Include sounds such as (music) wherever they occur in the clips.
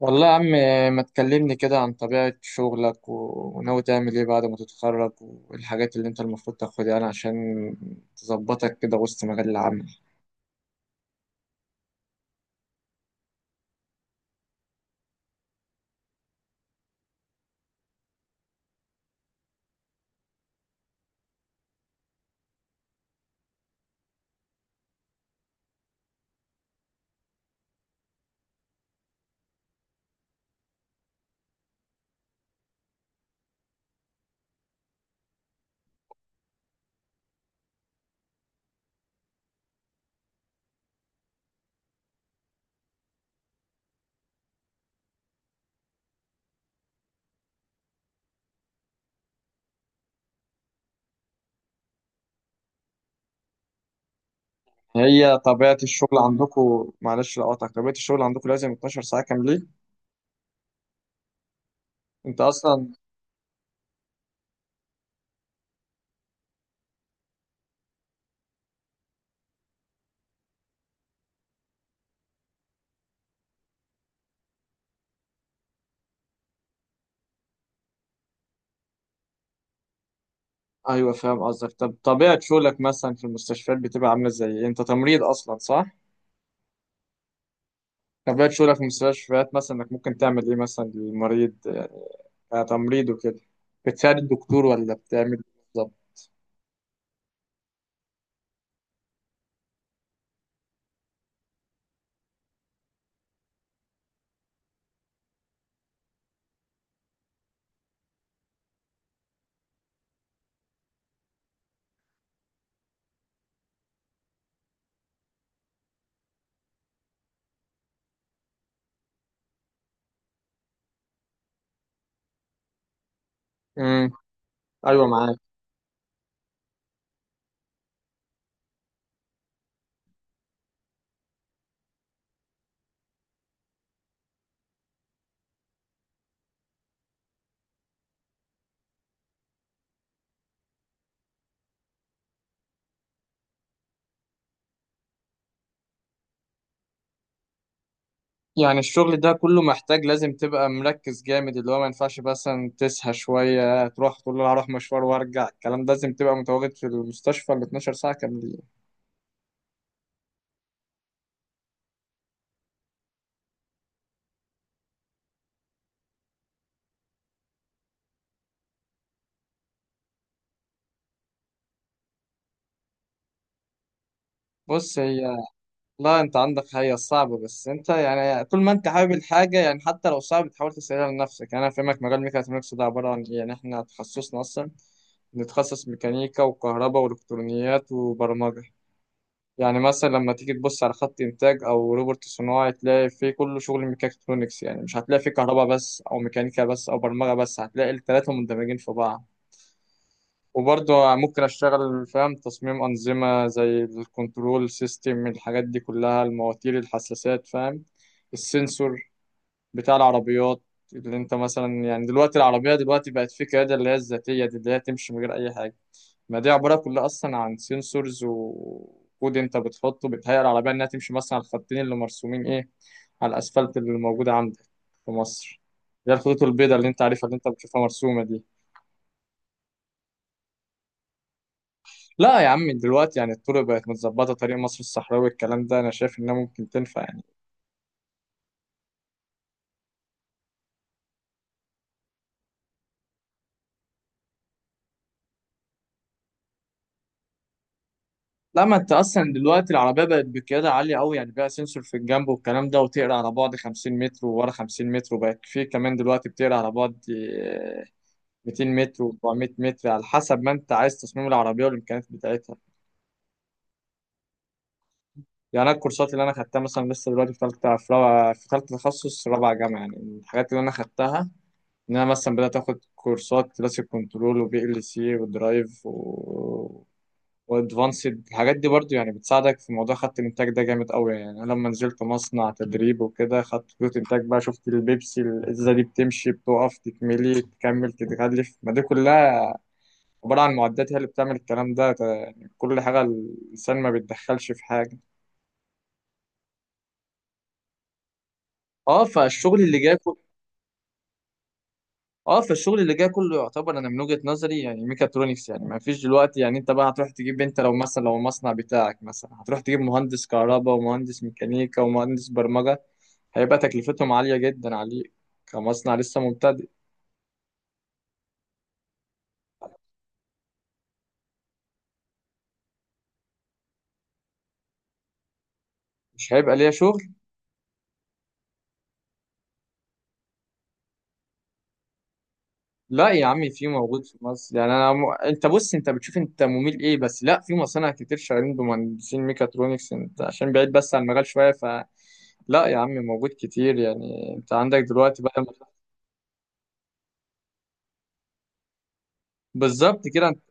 والله يا عم، ما تكلمني كده عن طبيعة شغلك وناوي تعمل ايه بعد ما تتخرج والحاجات اللي انت المفروض تاخدها يعني عشان تظبطك كده وسط مجال العمل. هي طبيعة الشغل عندكم، معلش لو قاطعك، طبيعة الشغل عندكم لازم 12 ساعة كاملين؟ انت اصلا (laughs) ايوه فاهم قصدك. طب طبيعة شغلك مثلا في المستشفيات بتبقى عاملة ازاي إيه؟ انت تمريض اصلا صح؟ طبيعة شغلك في المستشفيات مثلا انك ممكن تعمل ايه مثلا للمريض، كتمريض وكده، بتساعد الدكتور ولا بتعمل إيه بالظبط؟ امم. ايوه معاك. يعني الشغل ده كله محتاج لازم تبقى مركز جامد، اللي هو ما ينفعش مثلا تسهى شوية تروح تقول له هروح مشوار وارجع، الكلام ده لازم تبقى متواجد في المستشفى ال 12 ساعة كاملين. بص هي، لا انت عندك هي صعبة بس انت يعني طول ما انت حابب الحاجة يعني حتى لو صعب تحاول تسهلها لنفسك. يعني انا فاهمك مجال ميكاترونكس ده عبارة عن ايه، يعني احنا تخصصنا اصلا نتخصص ميكانيكا وكهرباء والكترونيات وبرمجة. يعني مثلا لما تيجي تبص على خط انتاج او روبوت صناعي تلاقي فيه كله شغل ميكاترونكس، يعني مش هتلاقي فيه كهرباء بس او ميكانيكا بس او برمجة بس، هتلاقي التلاتة مندمجين في بعض. وبرضه ممكن اشتغل فاهم تصميم انظمة زي الكنترول سيستم، الحاجات دي كلها، المواتير، الحساسات، فاهم، السنسور بتاع العربيات، اللي انت مثلا يعني دلوقتي العربية دلوقتي بقت في قيادة اللي هي الذاتية دي اللي هي تمشي من غير اي حاجة. ما دي عبارة كلها أصلا عن سنسورز وكود أنت بتحطه بيتهيأ على بال إنها تمشي مثلا على الخطين اللي مرسومين إيه، على الأسفلت اللي موجود عندك في مصر، اللي هي الخطوط البيضاء اللي أنت عارفها اللي أنت بتشوفها مرسومة دي. لا يا عم دلوقتي يعني الطرق بقت متظبطة، طريق مصر الصحراوي الكلام ده أنا شايف إنها ممكن تنفع يعني. لا ما أنت أصلا دلوقتي العربية بقت بقيادة عالية أوي، يعني بقى سنسور في الجنب والكلام ده وتقرا على بعد 50 متر وورا 50 متر، وبقت في كمان دلوقتي بتقرا على بعد 200 متر و400 متر على حسب ما انت عايز تصميم العربيه والامكانيات بتاعتها. يعني انا الكورسات اللي انا خدتها مثلا لسه دلوقتي في ثالثه، في رابعه، في ثالثه تخصص رابعه جامعه يعني، الحاجات اللي انا خدتها ان انا مثلا بدات اخد كورسات كلاسيك كنترول وبي ال سي ودرايف و وادفانسد، الحاجات دي برضو يعني بتساعدك في موضوع خط الانتاج ده جامد قوي. يعني انا لما نزلت مصنع تدريب وكده خدت خطوط انتاج بقى، شفت البيبسي الازازه دي بتمشي بتقف تتملي تكمل تتغلف، ما دي كلها عبارة عن معدات هي اللي بتعمل الكلام ده، يعني كل حاجة الإنسان ما بيتدخلش في حاجة. اه فالشغل اللي جاي كله اه فالشغل اللي جاي كله يعتبر انا من وجهة نظري يعني ميكاترونكس، يعني ما فيش دلوقتي، يعني انت بقى هتروح تجيب، انت لو مثلا لو المصنع بتاعك مثلا هتروح تجيب مهندس كهرباء ومهندس ميكانيكا ومهندس برمجة، هيبقى تكلفتهم عالية جدا عليك كمصنع لسه مبتدئ. مش هيبقى ليا شغل؟ لا يا عمي في، موجود في مصر، يعني انا انت بص انت بتشوف انت مميل ايه، بس لا في مصانع كتير شغالين بمهندسين ميكاترونكس، انت عشان بعيد بس عن المجال شويه ف، لا يا عمي موجود كتير. يعني انت عندك دلوقتي بقى، بالظبط كده انت...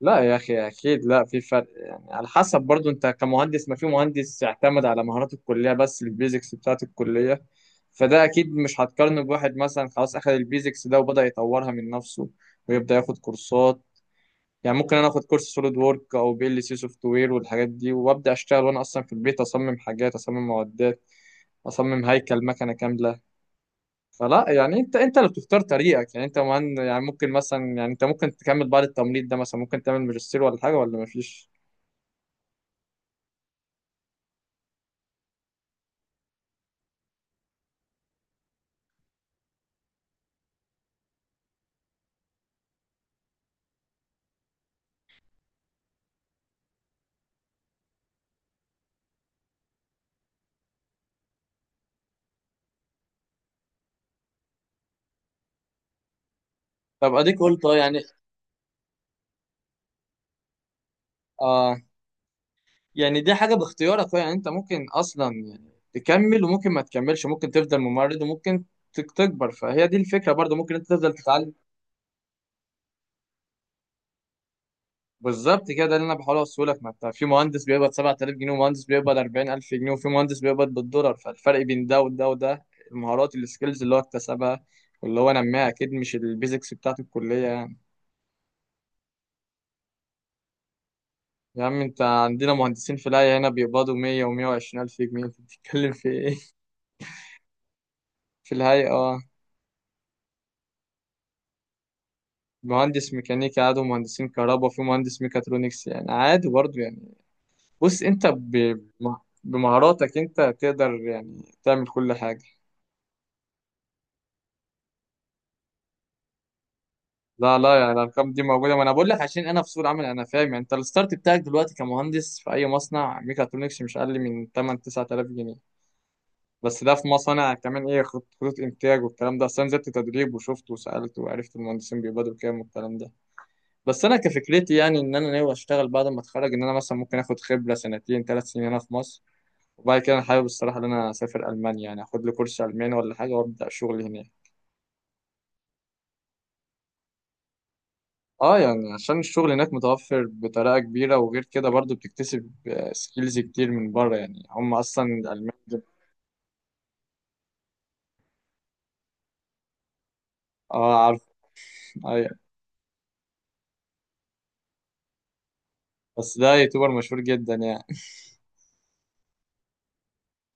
لا يا اخي اكيد لا في فرق، يعني على حسب برضو انت كمهندس، ما في مهندس اعتمد على مهارات الكليه بس، البيزكس بتاعت الكليه فده اكيد مش هتقارنه بواحد مثلا خلاص اخذ البيزكس ده وبدأ يطورها من نفسه ويبدأ ياخد كورسات. يعني ممكن انا اخد كورس سوليد وورك او بي ال سي سوفت وير والحاجات دي وابدا اشتغل، وانا اصلا في البيت اصمم حاجات، اصمم معدات، اصمم هيكل مكنه كامله. فلا يعني انت انت اللي بتختار طريقك، يعني انت مهن، يعني ممكن مثلا يعني انت ممكن تكمل بعد التمريض ده مثلا ممكن تعمل ماجستير ولا حاجه ولا مفيش؟ طب اديك قلت اه يعني. اه يعني دي حاجه باختيارك، يعني انت ممكن اصلا يعني تكمل وممكن ما تكملش، ممكن تفضل ممرض وممكن تكبر، فهي دي الفكره برضو، ممكن انت تفضل تتعلم. بالظبط كده، ده اللي انا بحاول اوصله لك، ما انت في مهندس بيقبض 7000 جنيه ومهندس بيقبض 40000 جنيه وفي مهندس بيقبض بالدولار، فالفرق بين ده وده وده المهارات السكيلز اللي هو اكتسبها واللي هو نماها اكيد مش البيزكس بتاعت الكليه يعني. يا عم انت عندنا مهندسين في الهيئه هنا بيقبضوا 100 و120 الف جنيه، انت بتتكلم في ايه؟ (laughs) في الهيئه اه. مهندس ميكانيكا عادي ومهندسين كهرباء وفي مهندس ميكاترونكس يعني عادي برضه يعني. بص انت بمهاراتك انت تقدر يعني تعمل كل حاجه. لا لا يعني الارقام دي موجوده، ما انا بقول لك عشان انا في سوق العمل انا فاهم. يعني انت الستارت بتاعك دلوقتي كمهندس في اي مصنع ميكاترونكس مش اقل من 8 9000 جنيه، بس ده في مصانع كمان ايه خطوط انتاج والكلام ده. اصل انا نزلت تدريب وشفت وسالت وعرفت المهندسين بيقبضوا كام والكلام ده. بس انا كفكرتي يعني ان انا ناوي اشتغل بعد ما اتخرج، ان انا مثلا ممكن اخد خبره 2 سنين 3 سنين هنا في مصر، وبعد كده انا حابب الصراحه ان انا اسافر المانيا يعني اخد لي كورس الماني ولا حاجه وابدا شغل هناك. اه يعني عشان الشغل هناك متوفر بطريقة كبيرة، وغير كده برضو بتكتسب سكيلز كتير من بره، يعني هم اصلا الالمان اه عارف. ايوه بس ده يوتيوبر مشهور جدا يعني.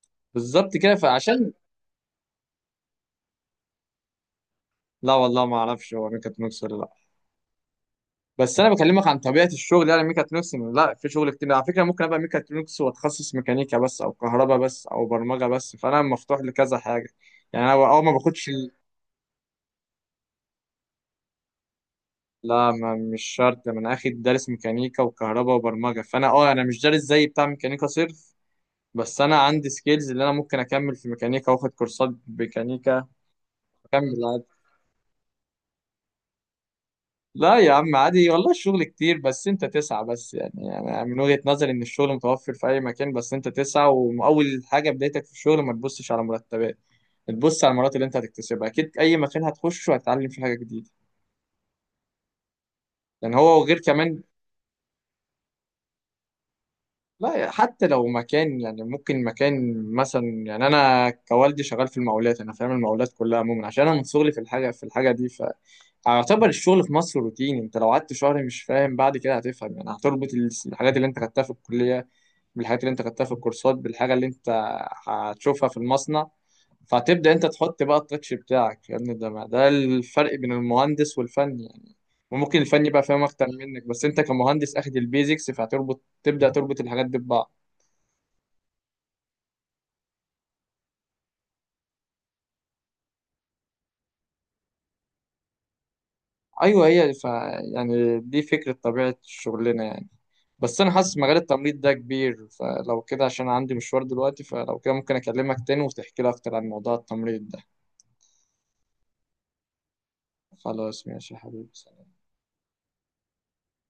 (laughs) بالظبط كده فعشان، لا والله ما اعرفش هو ميكاترونكس ولا لا. بس انا بكلمك عن طبيعة الشغل يعني ميكاترونكس إن لا في شغل كتير على فكرة، ممكن ابقى ميكاترونكس واتخصص ميكانيكا بس او كهرباء بس او برمجة بس، فانا مفتوح لكذا حاجة. يعني انا اول ما باخدش، لا ما مش شرط، ما انا اخد دارس ميكانيكا وكهرباء وبرمجه فانا اه انا مش دارس زي بتاع ميكانيكا صرف، بس انا عندي سكيلز اللي انا ممكن اكمل في ميكانيكا واخد كورسات ميكانيكا. اكمل عادي. لا يا عم عادي والله، الشغل كتير بس انت تسعى بس. يعني انا من وجهة نظري ان الشغل متوفر في اي مكان بس انت تسعى، واول حاجه بدايتك في الشغل ما تبصش على مرتبات، تبص على المهارات اللي انت هتكتسبها. اكيد اي مكان هتخشه هتتعلم فيه حاجه جديده، يعني هو وغير كمان، لا حتى لو مكان يعني ممكن مكان مثلا. يعني انا كوالدي شغال في المقاولات انا فاهم المقاولات كلها عموما عشان انا من صغري في الحاجه دي، فاعتبر الشغل في مصر روتيني. انت لو قعدت شهر مش فاهم بعد كده هتفهم، يعني هتربط الحاجات اللي انت خدتها في الكليه بالحاجات اللي انت خدتها في الكورسات بالحاجه اللي انت هتشوفها في المصنع، فهتبدا انت تحط بقى التاتش بتاعك يا ابني. ده ده الفرق بين المهندس والفني يعني. وممكن الفني بقى فاهم اكتر منك، بس انت كمهندس اخد البيزكس فهتربط، تبدا تربط الحاجات دي ببعض. ايوه هي ف يعني دي فكره طبيعه شغلنا يعني. بس انا حاسس مجال التمريض ده كبير، فلو كده عشان عندي مشوار دلوقتي، فلو كده ممكن اكلمك تاني وتحكي لي اكتر عن موضوع التمريض ده. خلاص ماشي يا حبيبي.